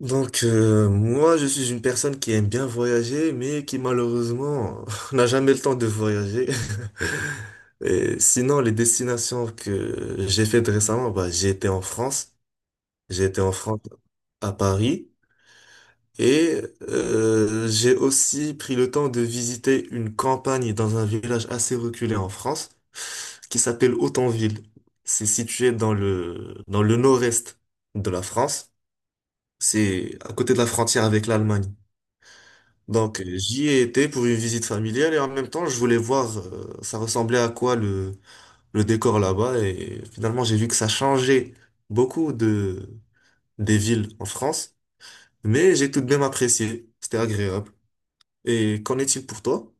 Moi, je suis une personne qui aime bien voyager, mais qui malheureusement n'a jamais le temps de voyager. Et sinon, les destinations que j'ai faites récemment, j'ai été en France, j'ai été en France à Paris, et j'ai aussi pris le temps de visiter une campagne dans un village assez reculé en France, qui s'appelle Autanville. C'est situé dans le nord-est de la France. C'est à côté de la frontière avec l'Allemagne. J'y ai été pour une visite familiale et en même temps, je voulais voir ça ressemblait à quoi le décor là-bas. Et finalement, j'ai vu que ça changeait beaucoup de, des villes en France, mais j'ai tout de même apprécié. C'était agréable. Et qu'en est-il pour toi?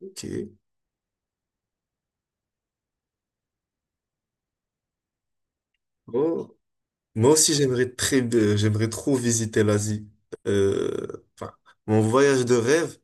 Ok. Oh. Moi aussi, j'aimerais trop visiter l'Asie. Enfin, mon voyage de rêve,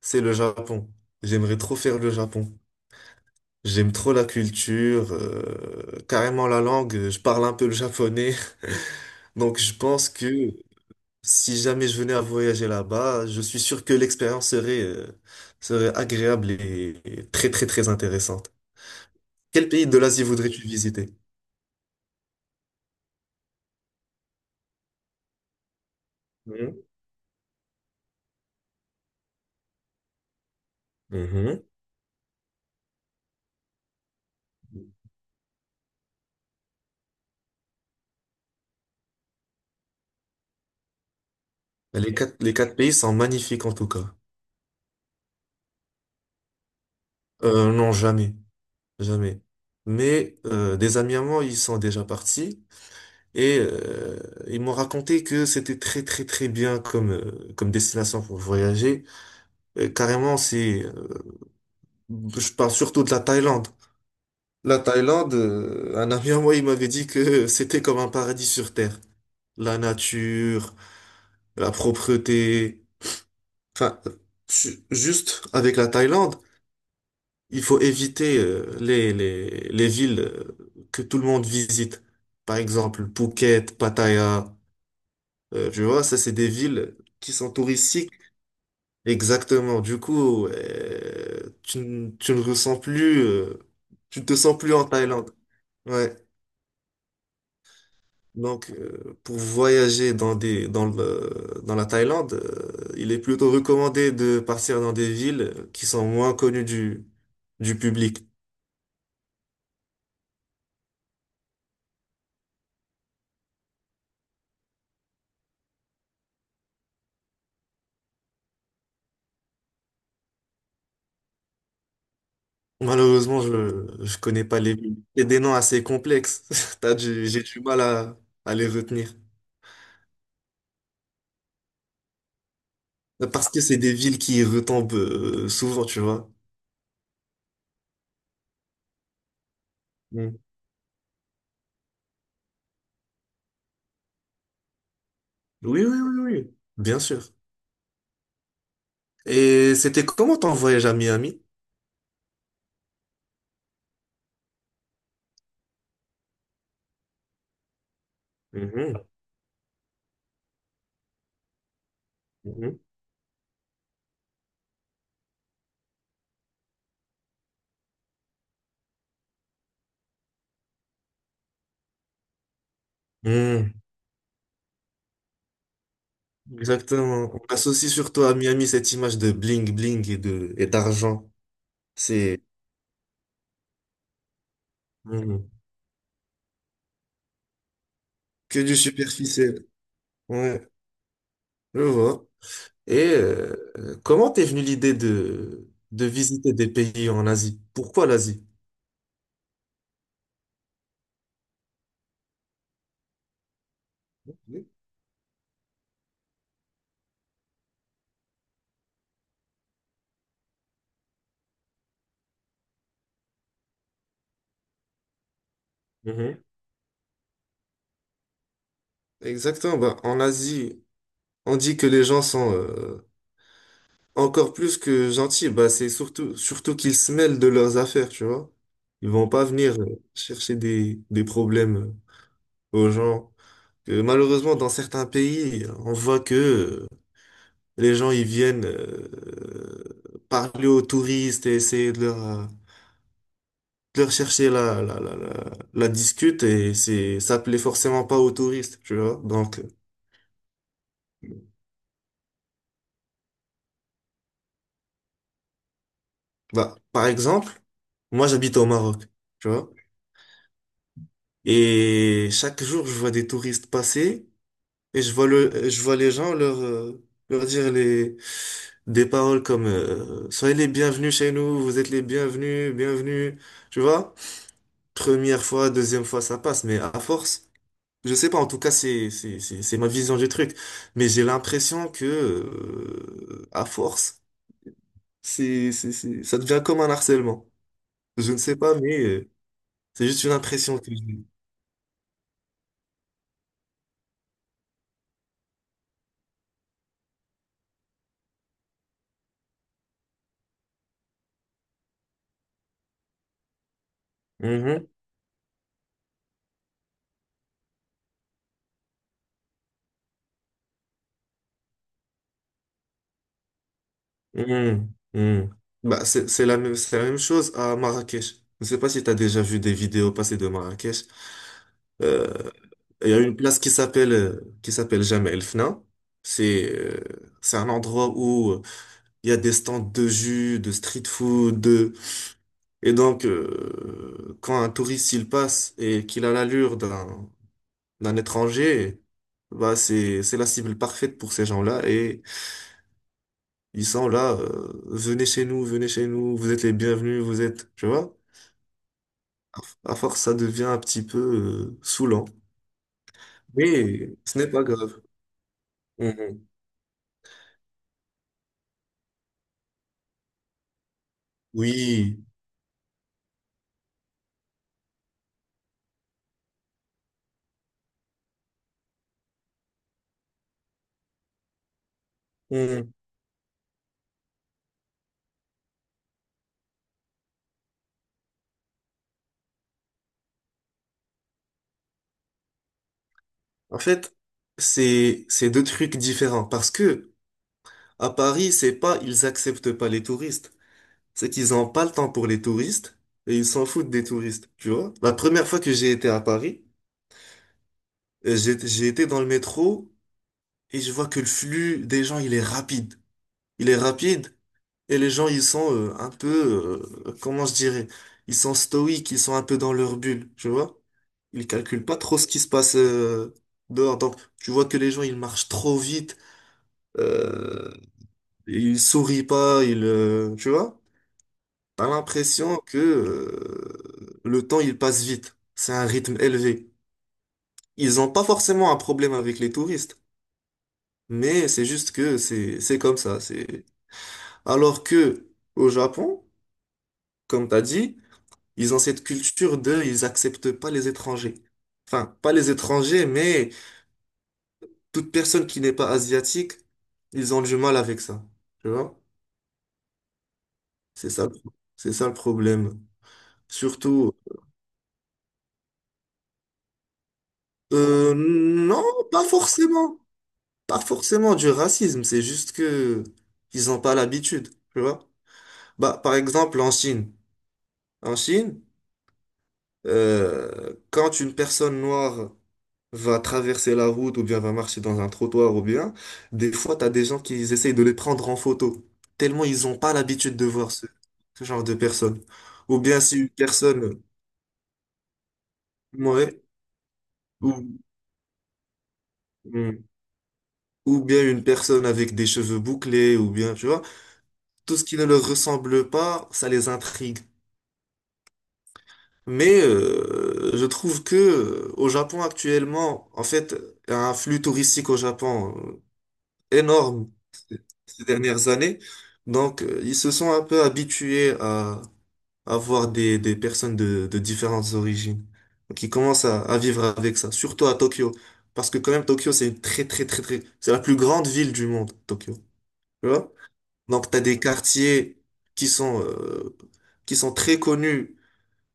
c'est le Japon. J'aimerais trop faire le Japon. J'aime trop la culture, carrément la langue. Je parle un peu le japonais. Donc je pense que si jamais je venais à voyager là-bas, je suis sûr que l'expérience serait agréable et très très très intéressante. Quel pays de l'Asie voudrais-tu visiter? Mhm. Mhm. Les quatre pays sont magnifiques en tout cas. Non, jamais, jamais. Mais des amis à moi, ils sont déjà partis. Et ils m'ont raconté que c'était très très très bien comme comme destination pour voyager. Carrément, c'est je parle surtout de la Thaïlande. La Thaïlande, un ami à moi, il m'avait dit que c'était comme un paradis sur terre. La nature, la propreté. Enfin, juste avec la Thaïlande, il faut éviter les villes que tout le monde visite. Par exemple, Phuket, Pattaya. Tu vois, ça, c'est des villes qui sont touristiques. Exactement. Du coup, tu ne ressens plus, tu ne te sens plus en Thaïlande. Ouais. Pour voyager dans des, dans le, dans la Thaïlande, il est plutôt recommandé de partir dans des villes qui sont moins connues du public. Malheureusement, je connais pas les villes. C'est des noms assez complexes. J'ai du mal à les retenir. Parce que c'est des villes qui retombent souvent, tu vois. Mm. Oui, oui, oui, oui, bien sûr. Et c'était comment ton voyage à Miami? Mhm, mhm. Mm. Exactement. On associe surtout à Miami cette image de bling bling et d'argent. C'est mhm, que du superficiel. Ouais, je vois. Et comment t'es venue l'idée de visiter des pays en Asie? Pourquoi l'Asie? Mhm. Exactement. Bah, en Asie, on dit que les gens sont encore plus que gentil, bah c'est surtout surtout qu'ils se mêlent de leurs affaires, tu vois. Ils vont pas venir chercher des problèmes aux gens. Malheureusement, dans certains pays, on voit que les gens ils viennent parler aux touristes et essayer de de leur chercher la discute et c'est ça plaît forcément pas aux touristes, tu vois. Bah, par exemple, moi j'habite au Maroc, tu vois, et chaque jour je vois des touristes passer. Et je vois je vois les gens leur dire des paroles comme soyez les bienvenus chez nous, vous êtes les bienvenus, bienvenus. Tu vois? Première fois, deuxième fois, ça passe, mais à force, je sais pas, en tout cas, c'est ma vision du truc. Mais j'ai l'impression que, à force, ça devient comme un harcèlement. Je ne sais pas, mais c'est juste une impression que j'ai. Mhm. Hmm, hmm. Bah, c'est la même, c'est la même chose à Marrakech. Je ne sais pas si tu as déjà vu des vidéos passées de Marrakech. Euh, Il y a une place qui s'appelle Jam El Fna. C'est euh, c'est un endroit où il y a des stands de jus, de street food, de... Et donc, quand un touriste il passe et qu'il a l'allure d'un étranger, bah c'est la cible parfaite pour ces gens-là et ils sont là, venez chez nous, vous êtes les bienvenus, vous êtes, tu vois? À à force, ça devient un petit peu saoulant. Mais ce n'est pas grave. Mhm. Oui. Mhm. En fait, c'est deux trucs différents parce que à Paris, c'est pas ils acceptent pas les touristes, c'est qu'ils ont pas le temps pour les touristes et ils s'en foutent des touristes, tu vois? La première fois que j'ai été à Paris, j'ai été dans le métro et je vois que le flux des gens, il est rapide. Il est rapide. Et les gens, ils sont comment je dirais, ils sont stoïques, ils sont un peu dans leur bulle, tu vois? Ils calculent pas trop ce qui se passe dehors. Donc, tu vois que les gens, ils marchent trop vite, euh, ils sourient pas, tu vois? T'as l'impression que le temps, il passe vite. C'est un rythme élevé. Ils ont pas forcément un problème avec les touristes, mais c'est juste que c'est comme ça. C'est alors que au Japon, comme t'as dit. Ils ont cette culture de, ils acceptent pas les étrangers. Enfin, pas les étrangers, mais toute personne qui n'est pas asiatique, ils ont du mal avec ça. Tu vois? C'est ça, le- c'est ça le problème. Surtout, non, pas forcément. Pas forcément du racisme, c'est juste que ils n'ont pas l'habitude. Tu vois? Bah, par exemple, en Chine. En Chine, quand une personne noire va traverser la route ou bien va marcher dans un trottoir ou bien, des fois, t'as des gens qui ils essayent de les prendre en photo, tellement ils n'ont pas l'habitude de voir ce genre de personnes. Ou bien si une personne, ouais, ou, mm, ou bien une personne avec des cheveux bouclés, ou bien, tu vois, tout ce qui ne leur ressemble pas, ça les intrigue. Mais je trouve que au Japon actuellement, en fait, il y a un flux touristique au Japon. Énorme ces dernières années. Donc, ils se sont un peu habitués à avoir des personnes de différentes origines. Donc, ils commencent à vivre avec ça, surtout à Tokyo. Parce que quand même, Tokyo, c'est une très, très, très, très... C'est la plus grande ville du monde, Tokyo. Tu vois? Donc, tu as des quartiers qui sont, euh, qui sont très connus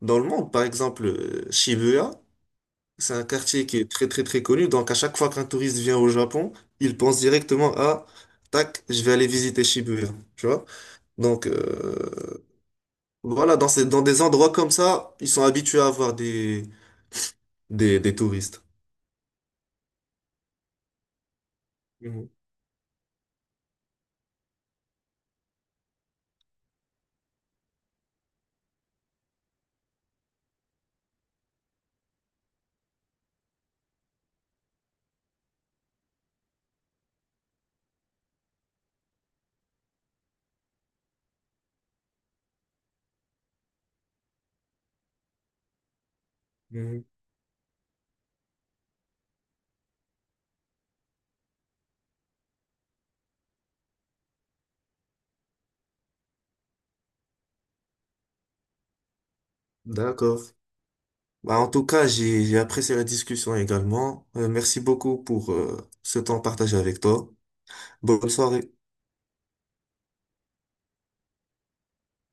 dans le monde. Par exemple, Shibuya. C'est un quartier qui est très très très connu, donc à chaque fois qu'un touriste vient au Japon, il pense directement à tac, je vais aller visiter Shibuya, tu vois? Donc euh, voilà, dans ces, dans des endroits comme ça, ils sont habitués à avoir des touristes. Mhm, mhm. D'accord. Bah, en tout cas, j'ai apprécié la discussion également. Merci beaucoup pour ce temps partagé avec toi. Bonne soirée.